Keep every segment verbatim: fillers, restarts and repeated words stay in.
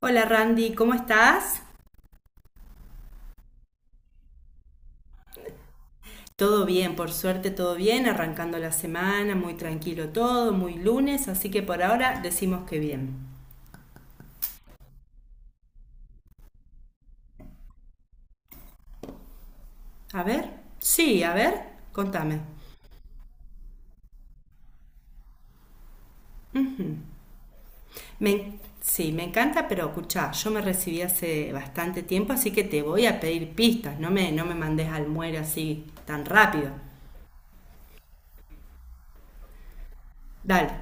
Hola Randy, ¿cómo estás? Todo bien, por suerte todo bien, arrancando la semana, muy tranquilo todo, muy lunes, así que por ahora decimos que bien. A ver, sí, a ver, contame. Me, en- sí, me encanta, pero escuchá, yo me recibí hace bastante tiempo, así que te voy a pedir pistas, no me, no me mandes al muere así tan rápido. Dale.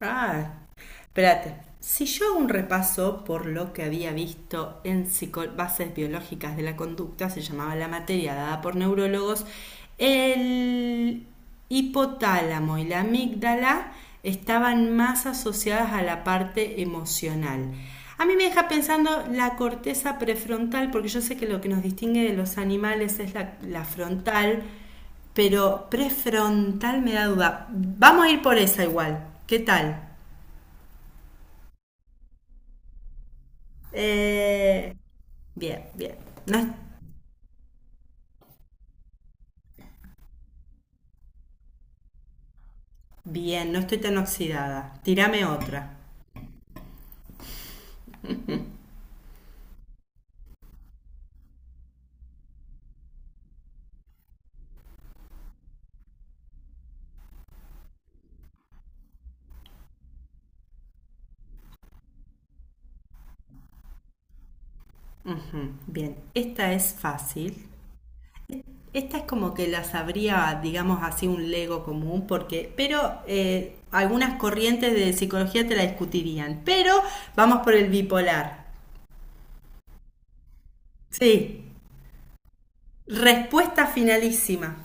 Ah, Espérate. Si yo hago un repaso por lo que había visto en psico- bases biológicas de la conducta, se llamaba la materia dada por neurólogos, el hipotálamo y la amígdala estaban más asociadas a la parte emocional. A mí me deja pensando la corteza prefrontal, porque yo sé que lo que nos distingue de los animales es la, la frontal, pero prefrontal me da duda. Vamos a ir por esa igual. ¿Qué tal? Eh, bien, bien. No es- Bien, no estoy tan oxidada. Tírame otra. Ujú, bien, esta es fácil. Esta es como que la sabría, digamos así, un lego común, porque, pero eh, algunas corrientes de psicología te la discutirían. Pero vamos por el bipolar. Sí, respuesta finalísima.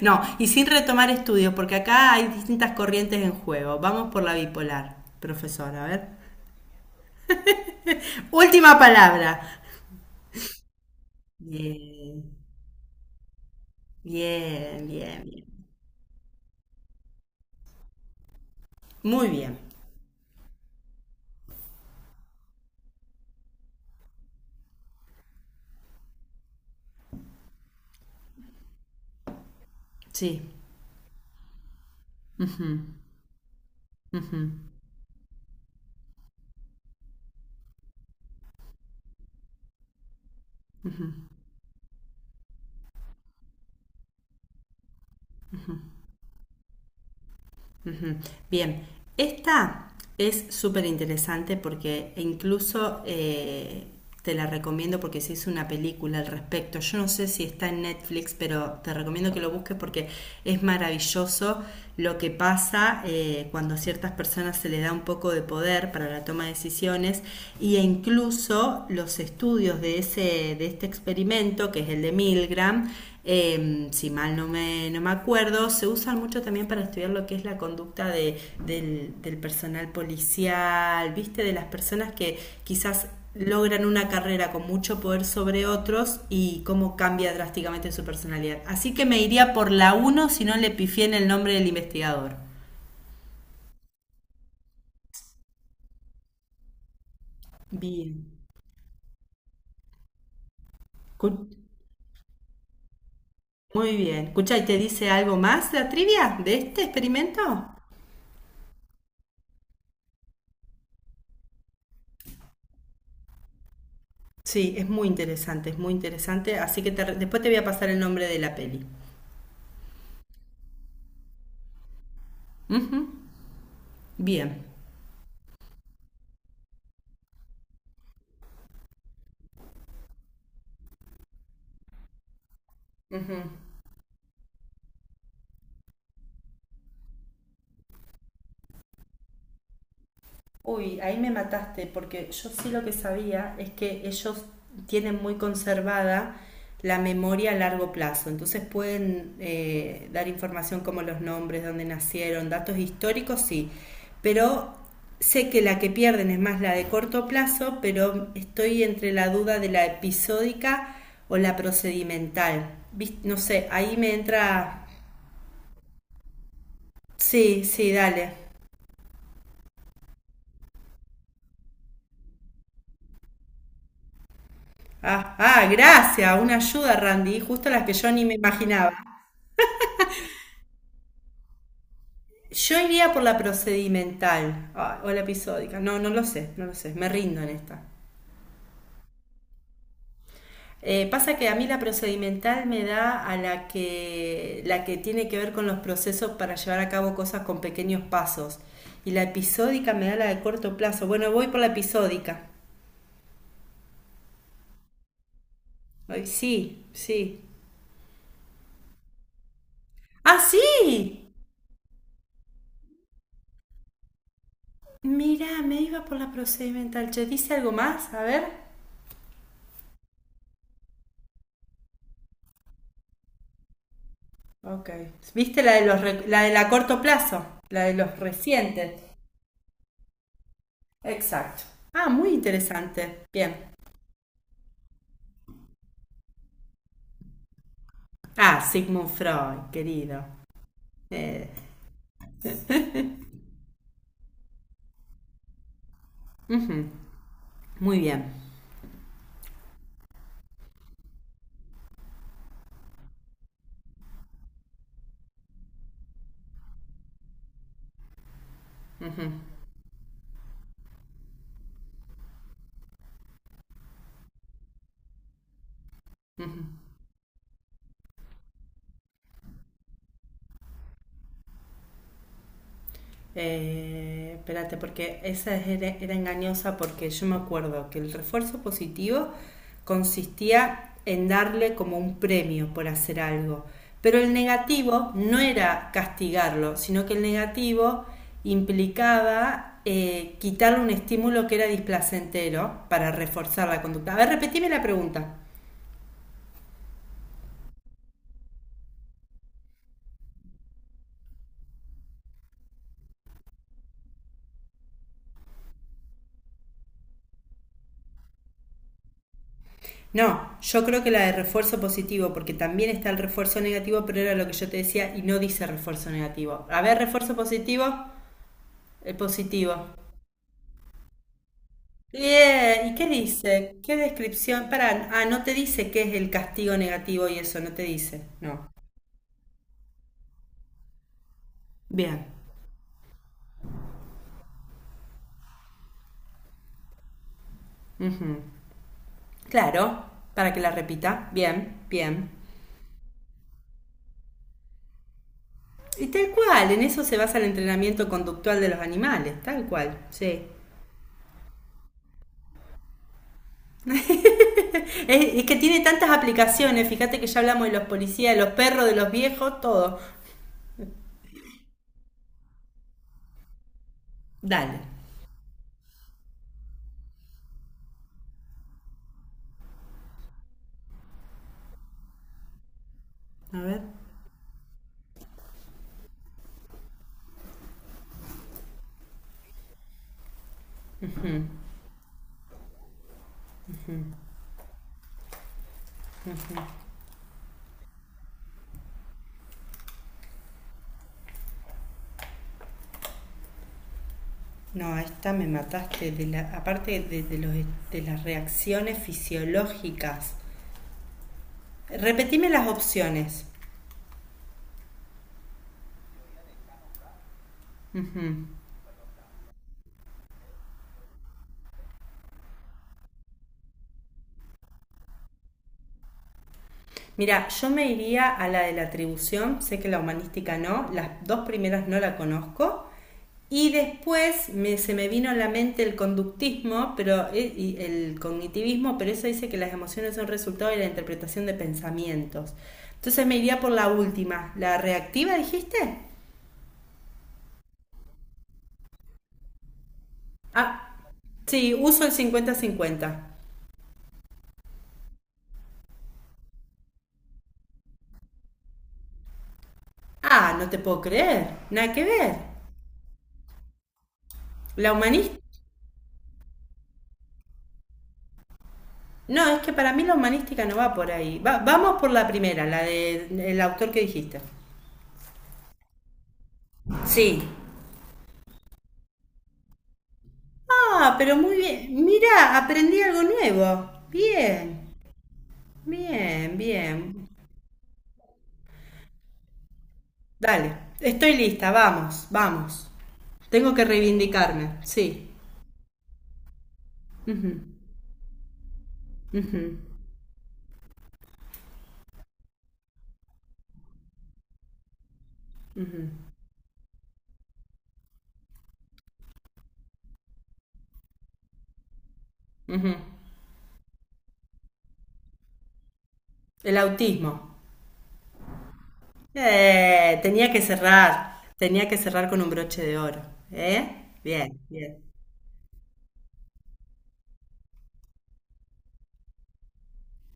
No, y sin retomar estudios, porque acá hay distintas corrientes en juego. Vamos por la bipolar, profesor, a ver. Última palabra. Bien, bien, bien, bien. Muy bien, sí. Ujú. Ujú. Bien, esta es súper interesante porque incluso eh, te la recomiendo porque se hizo una película al respecto. Yo no sé si está en Netflix, pero te recomiendo que lo busques porque es maravilloso lo que pasa eh, cuando a ciertas personas se le da un poco de poder para la toma de decisiones y e incluso los estudios de, ese, de este experimento, que es el de Milgram, eh, si mal no me, no me acuerdo, se usan mucho también para estudiar lo que es la conducta de, del, del personal policial, ¿viste? De las personas que quizás logran una carrera con mucho poder sobre otros y cómo cambia drásticamente su personalidad. Así que me iría por la uno si no le pifié en el nombre del investigador. Bien. Cu- Muy bien. Escucha, ¿y te dice algo más la trivia de este experimento? Sí, es muy interesante, es muy interesante. Así que te re- después te voy a pasar el nombre de la peli. Ujú, bien. Ujú. Uy, ahí me mataste, porque yo sí lo que sabía es que ellos tienen muy conservada la memoria a largo plazo, entonces pueden eh, dar información como los nombres, dónde nacieron, datos históricos, sí, pero sé que la que pierden es más la de corto plazo, pero estoy entre la duda de la episódica o la procedimental. Vis- No sé, ahí me entra... Sí, sí, dale. Ah, ah, gracias, una ayuda, Randy, justo las que yo ni me imaginaba. Yo iría por la procedimental ah, o la episódica, no, no lo sé, no lo sé, me rindo en esta. Eh, pasa que a mí la procedimental me da a la que, la que tiene que ver con los procesos para llevar a cabo cosas con pequeños pasos. Y la episódica me da la de corto plazo. Bueno, voy por la episódica. Ay, sí, sí. ¡Ah, sí! Mirá, me iba por la procedimental. Che, ¿dice algo más? A ver. Ok. ¿Viste la de los re- la de la corto plazo? La de los recientes. Exacto. Ah, muy interesante. Bien. Ah, Sigmund Freud, querido. Eh, ujú, muy bien. Ujú, ujú. Eh, espérate, porque esa era, era engañosa porque yo me acuerdo que el refuerzo positivo consistía en darle como un premio por hacer algo. Pero el negativo no era castigarlo, sino que el negativo implicaba eh, quitarle un estímulo que era displacentero para reforzar la conducta. A ver, repetime la pregunta. No, yo creo que la de refuerzo positivo, porque también está el refuerzo negativo, pero era lo que yo te decía y no dice refuerzo negativo. A ver, refuerzo positivo, el positivo. Bien, ¿y qué dice? ¿Qué descripción? Para, ah, no te dice qué es el castigo negativo y eso, no te dice. No. Bien. Ujú. Claro, para que la repita. Bien, bien. Y tal cual, en eso se basa el entrenamiento conductual de los animales, tal cual, sí. Es, es que tiene tantas aplicaciones. Fíjate que ya hablamos de los policías, de los perros, de los viejos, todo. Dale. A ver. No, a esta me mataste. De la, aparte de, de los, de las reacciones fisiológicas. Repetime las opciones. Ujú. Mira, yo me iría a la de la atribución, sé que la humanística no, las dos primeras no la conozco, y después me, se me vino a la mente el conductismo pero, eh, y el cognitivismo, pero eso dice que las emociones son resultado de la interpretación de pensamientos. Entonces me iría por la última, la reactiva, dijiste. Ah, sí, uso el cincuenta cincuenta. Ah, no te puedo creer, nada que ver. La humanista. No, es que para mí la humanística no va por ahí. Va- vamos por la primera, la del autor que dijiste. Sí. Ah, pero muy bien. Mira, aprendí algo nuevo. Bien. Bien, bien. Dale, estoy lista, vamos, vamos. Tengo que reivindicarme, sí. Ujú, ujú, ujú. El autismo. Eh, tenía que cerrar, tenía que cerrar con un broche de oro, ¿eh? Bien, bien.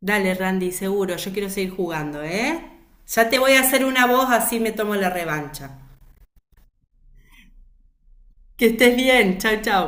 Dale, Randy, seguro, yo quiero seguir jugando, ¿eh? Ya te voy a hacer una voz, así me tomo la revancha. Que estés bien, chau, chau.